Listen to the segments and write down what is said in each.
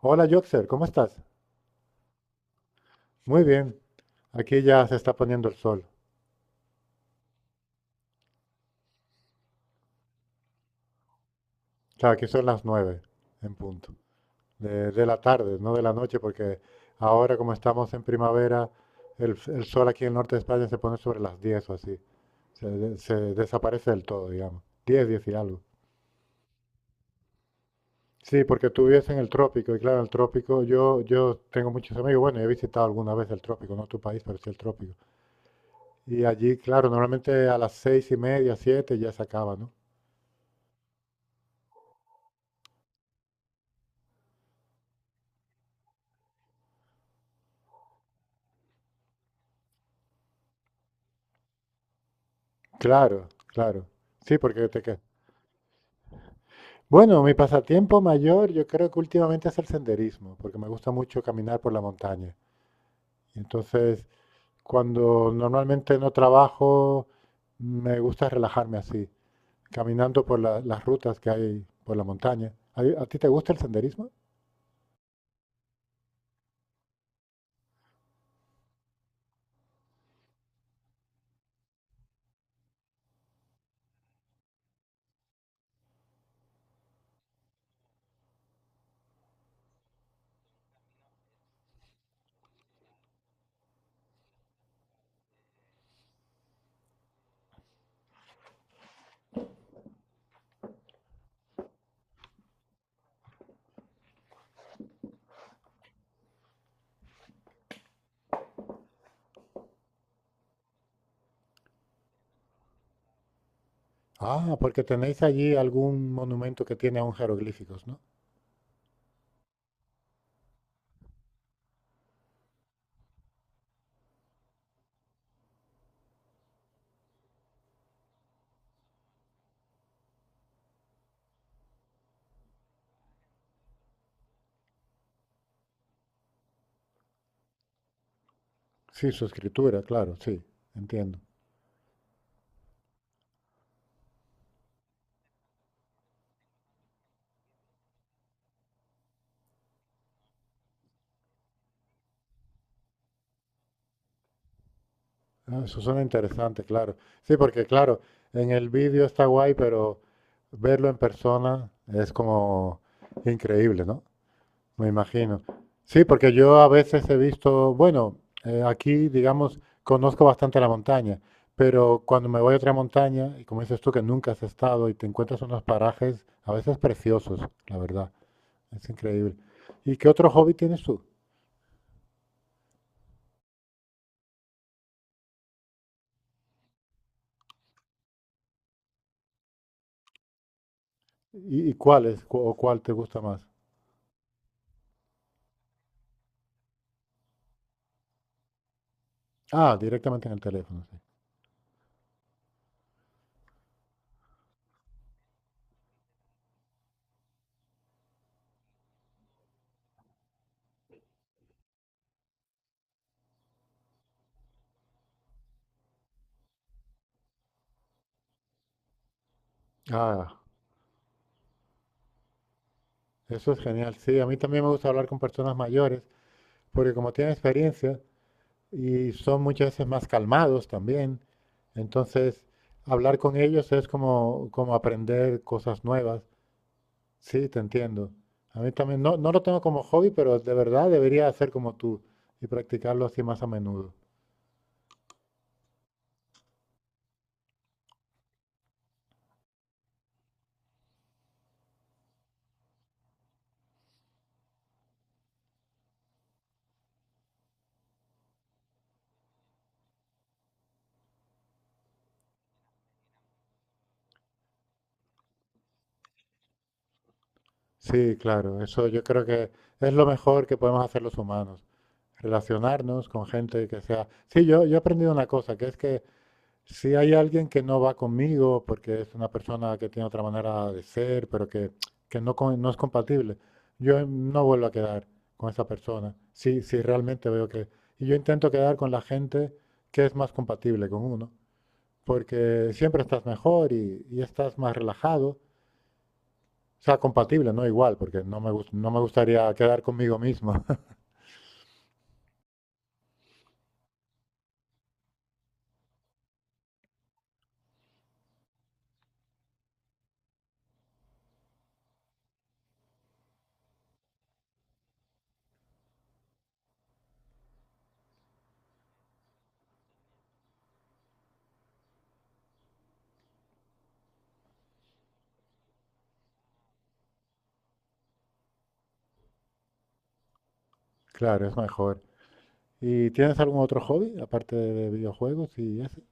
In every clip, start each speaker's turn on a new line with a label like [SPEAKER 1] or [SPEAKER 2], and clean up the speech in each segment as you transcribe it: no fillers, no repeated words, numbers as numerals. [SPEAKER 1] Hola, Yotzer, ¿cómo estás? Muy bien. Aquí ya se está poniendo el sol. O sea, aquí son las 9 en punto de la tarde, no de la noche, porque ahora como estamos en primavera, el sol aquí en el norte de España se pone sobre las 10 o así. Se desaparece del todo, digamos. 10, 10 y algo. Sí, porque tú vives en el trópico, y claro, en el trópico yo tengo muchos amigos, bueno, he visitado alguna vez el trópico, no tu país, pero sí el trópico. Y allí, claro, normalmente a las 6 y media, 7 ya se acaba, ¿no? Claro, claro. Sí, porque te que- Bueno, mi pasatiempo mayor yo creo que últimamente es el senderismo, porque me gusta mucho caminar por la montaña. Y entonces, cuando normalmente no trabajo, me gusta relajarme así, caminando por las rutas que hay por la montaña. ¿A ti te gusta el senderismo? Ah, porque tenéis allí algún monumento que tiene aún jeroglíficos, ¿no? Sí, su escritura, claro, sí, entiendo. Ah, eso suena interesante, claro. Sí, porque claro, en el vídeo está guay, pero verlo en persona es como increíble, ¿no? Me imagino. Sí, porque yo a veces he visto, bueno, aquí, digamos, conozco bastante la montaña, pero cuando me voy a otra montaña, y como dices tú que nunca has estado y te encuentras unos parajes a veces preciosos, la verdad, es increíble. ¿Y qué otro hobby tienes tú? ¿Y cuál es, cu- o cuál te gusta más? Ah, directamente en el teléfono, sí. Ah, eso es genial. Sí, a mí también me gusta hablar con personas mayores, porque como tienen experiencia y son muchas veces más calmados también, entonces hablar con ellos es como, como aprender cosas nuevas. Sí, te entiendo. A mí también, no, no lo tengo como hobby, pero de verdad debería hacer como tú y practicarlo así más a menudo. Sí, claro, eso yo creo que es lo mejor que podemos hacer los humanos, relacionarnos con gente que sea. Sí, yo he aprendido una cosa, que es que si hay alguien que no va conmigo porque es una persona que tiene otra manera de ser, pero que no, no es compatible, yo no vuelvo a quedar con esa persona. Si, si realmente veo que. Y yo intento quedar con la gente que es más compatible con uno, porque siempre estás mejor y estás más relajado. O sea, compatible, no igual, porque no no me gustaría quedar conmigo mismo. Claro, es mejor. ¿Y tienes algún otro hobby aparte de videojuegos y eso?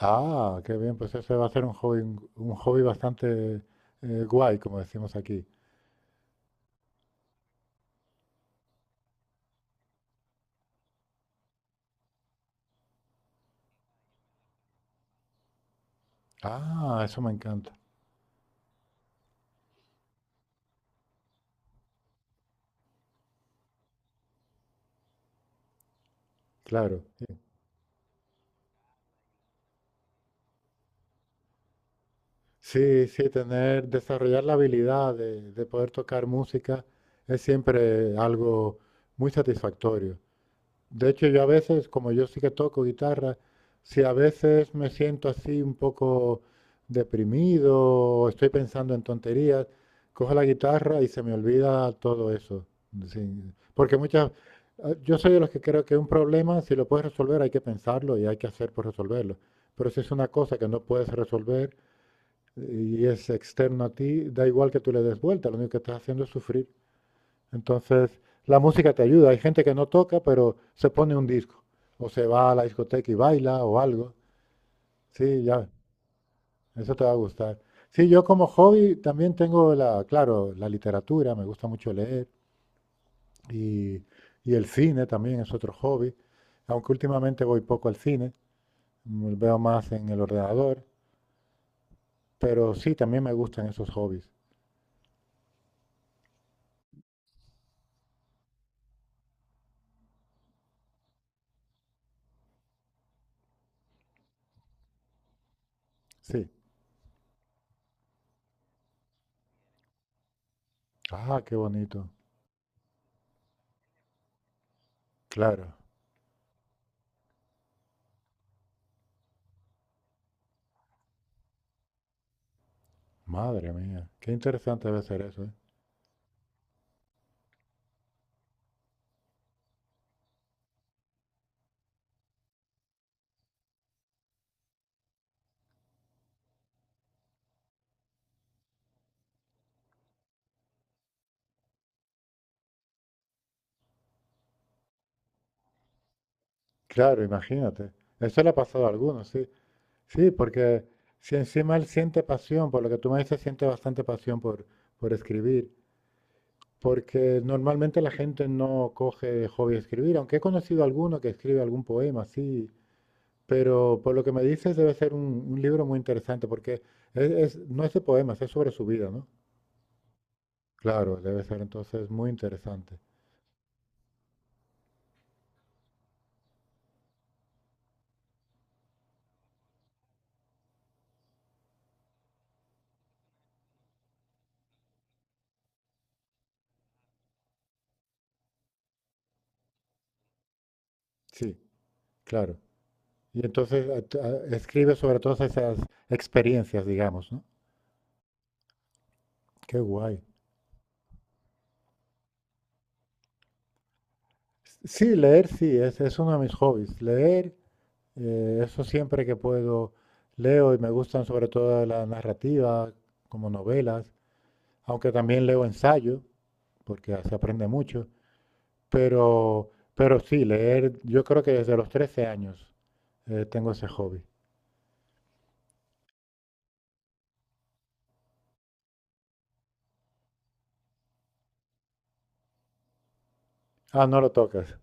[SPEAKER 1] Ah, qué bien, pues ese va a ser un hobby bastante guay, como decimos aquí. Ah, eso me encanta, claro. Sí, sí, sí, tener, desarrollar la habilidad de poder tocar música es siempre algo muy satisfactorio. De hecho, yo a veces, como yo sí que toco guitarra, si a veces me siento así un poco deprimido o estoy pensando en tonterías, cojo la guitarra y se me olvida todo eso. Sí, porque muchas, ah, yo soy de los que creo que un problema, si lo puedes resolver, hay que pensarlo y hay que hacer por resolverlo. Pero si es una cosa que no puedes resolver y es externo a ti, da igual que tú le des vuelta, lo único que estás haciendo es sufrir. Entonces, la música te ayuda. Hay gente que no toca, pero se pone un disco. O se va a la discoteca y baila o algo. Sí, ya, eso te va a gustar. Sí, yo como hobby también tengo la, claro, la literatura, me gusta mucho leer y, y el cine también es otro hobby, aunque últimamente voy poco al cine, me veo más en el ordenador, pero sí, también me gustan esos hobbies. Sí. Ah, qué bonito. Claro. Madre mía, qué interesante debe ser eso, ¿eh? Claro, imagínate. Eso le ha pasado a algunos, sí. Sí, porque si encima él siente pasión, por lo que tú me dices, siente bastante pasión por escribir, porque normalmente la gente no coge hobby escribir, aunque he conocido alguno que escribe algún poema, sí, pero por lo que me dices debe ser un libro muy interesante, porque es, no es de poemas, es sobre su vida, ¿no? Claro, debe ser entonces muy interesante. Sí, claro. Y entonces escribe sobre todas esas experiencias, digamos, ¿no? Qué guay. Sí, leer sí, es uno de mis hobbies. Leer, eso siempre que puedo leo y me gustan sobre todo la narrativa, como novelas, aunque también leo ensayo, porque se aprende mucho, pero sí, leer, yo creo que desde los 13 años tengo ese hobby. Ah, no lo tocas.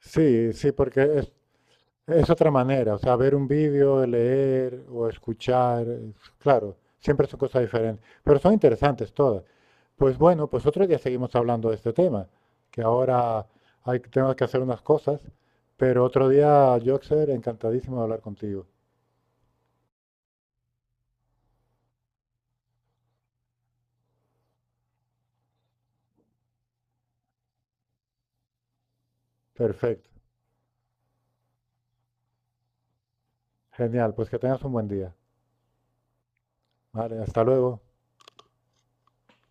[SPEAKER 1] Sí, sí, porque es otra manera, o sea, ver un vídeo, leer o escuchar, claro, siempre son cosas diferentes, pero son interesantes todas. Pues bueno, pues otro día seguimos hablando de este tema, que ahora hay, tengo que hacer unas cosas, pero otro día, Joxer, encantadísimo de hablar contigo. Perfecto, genial, pues que tengas un buen día. Vale, hasta luego.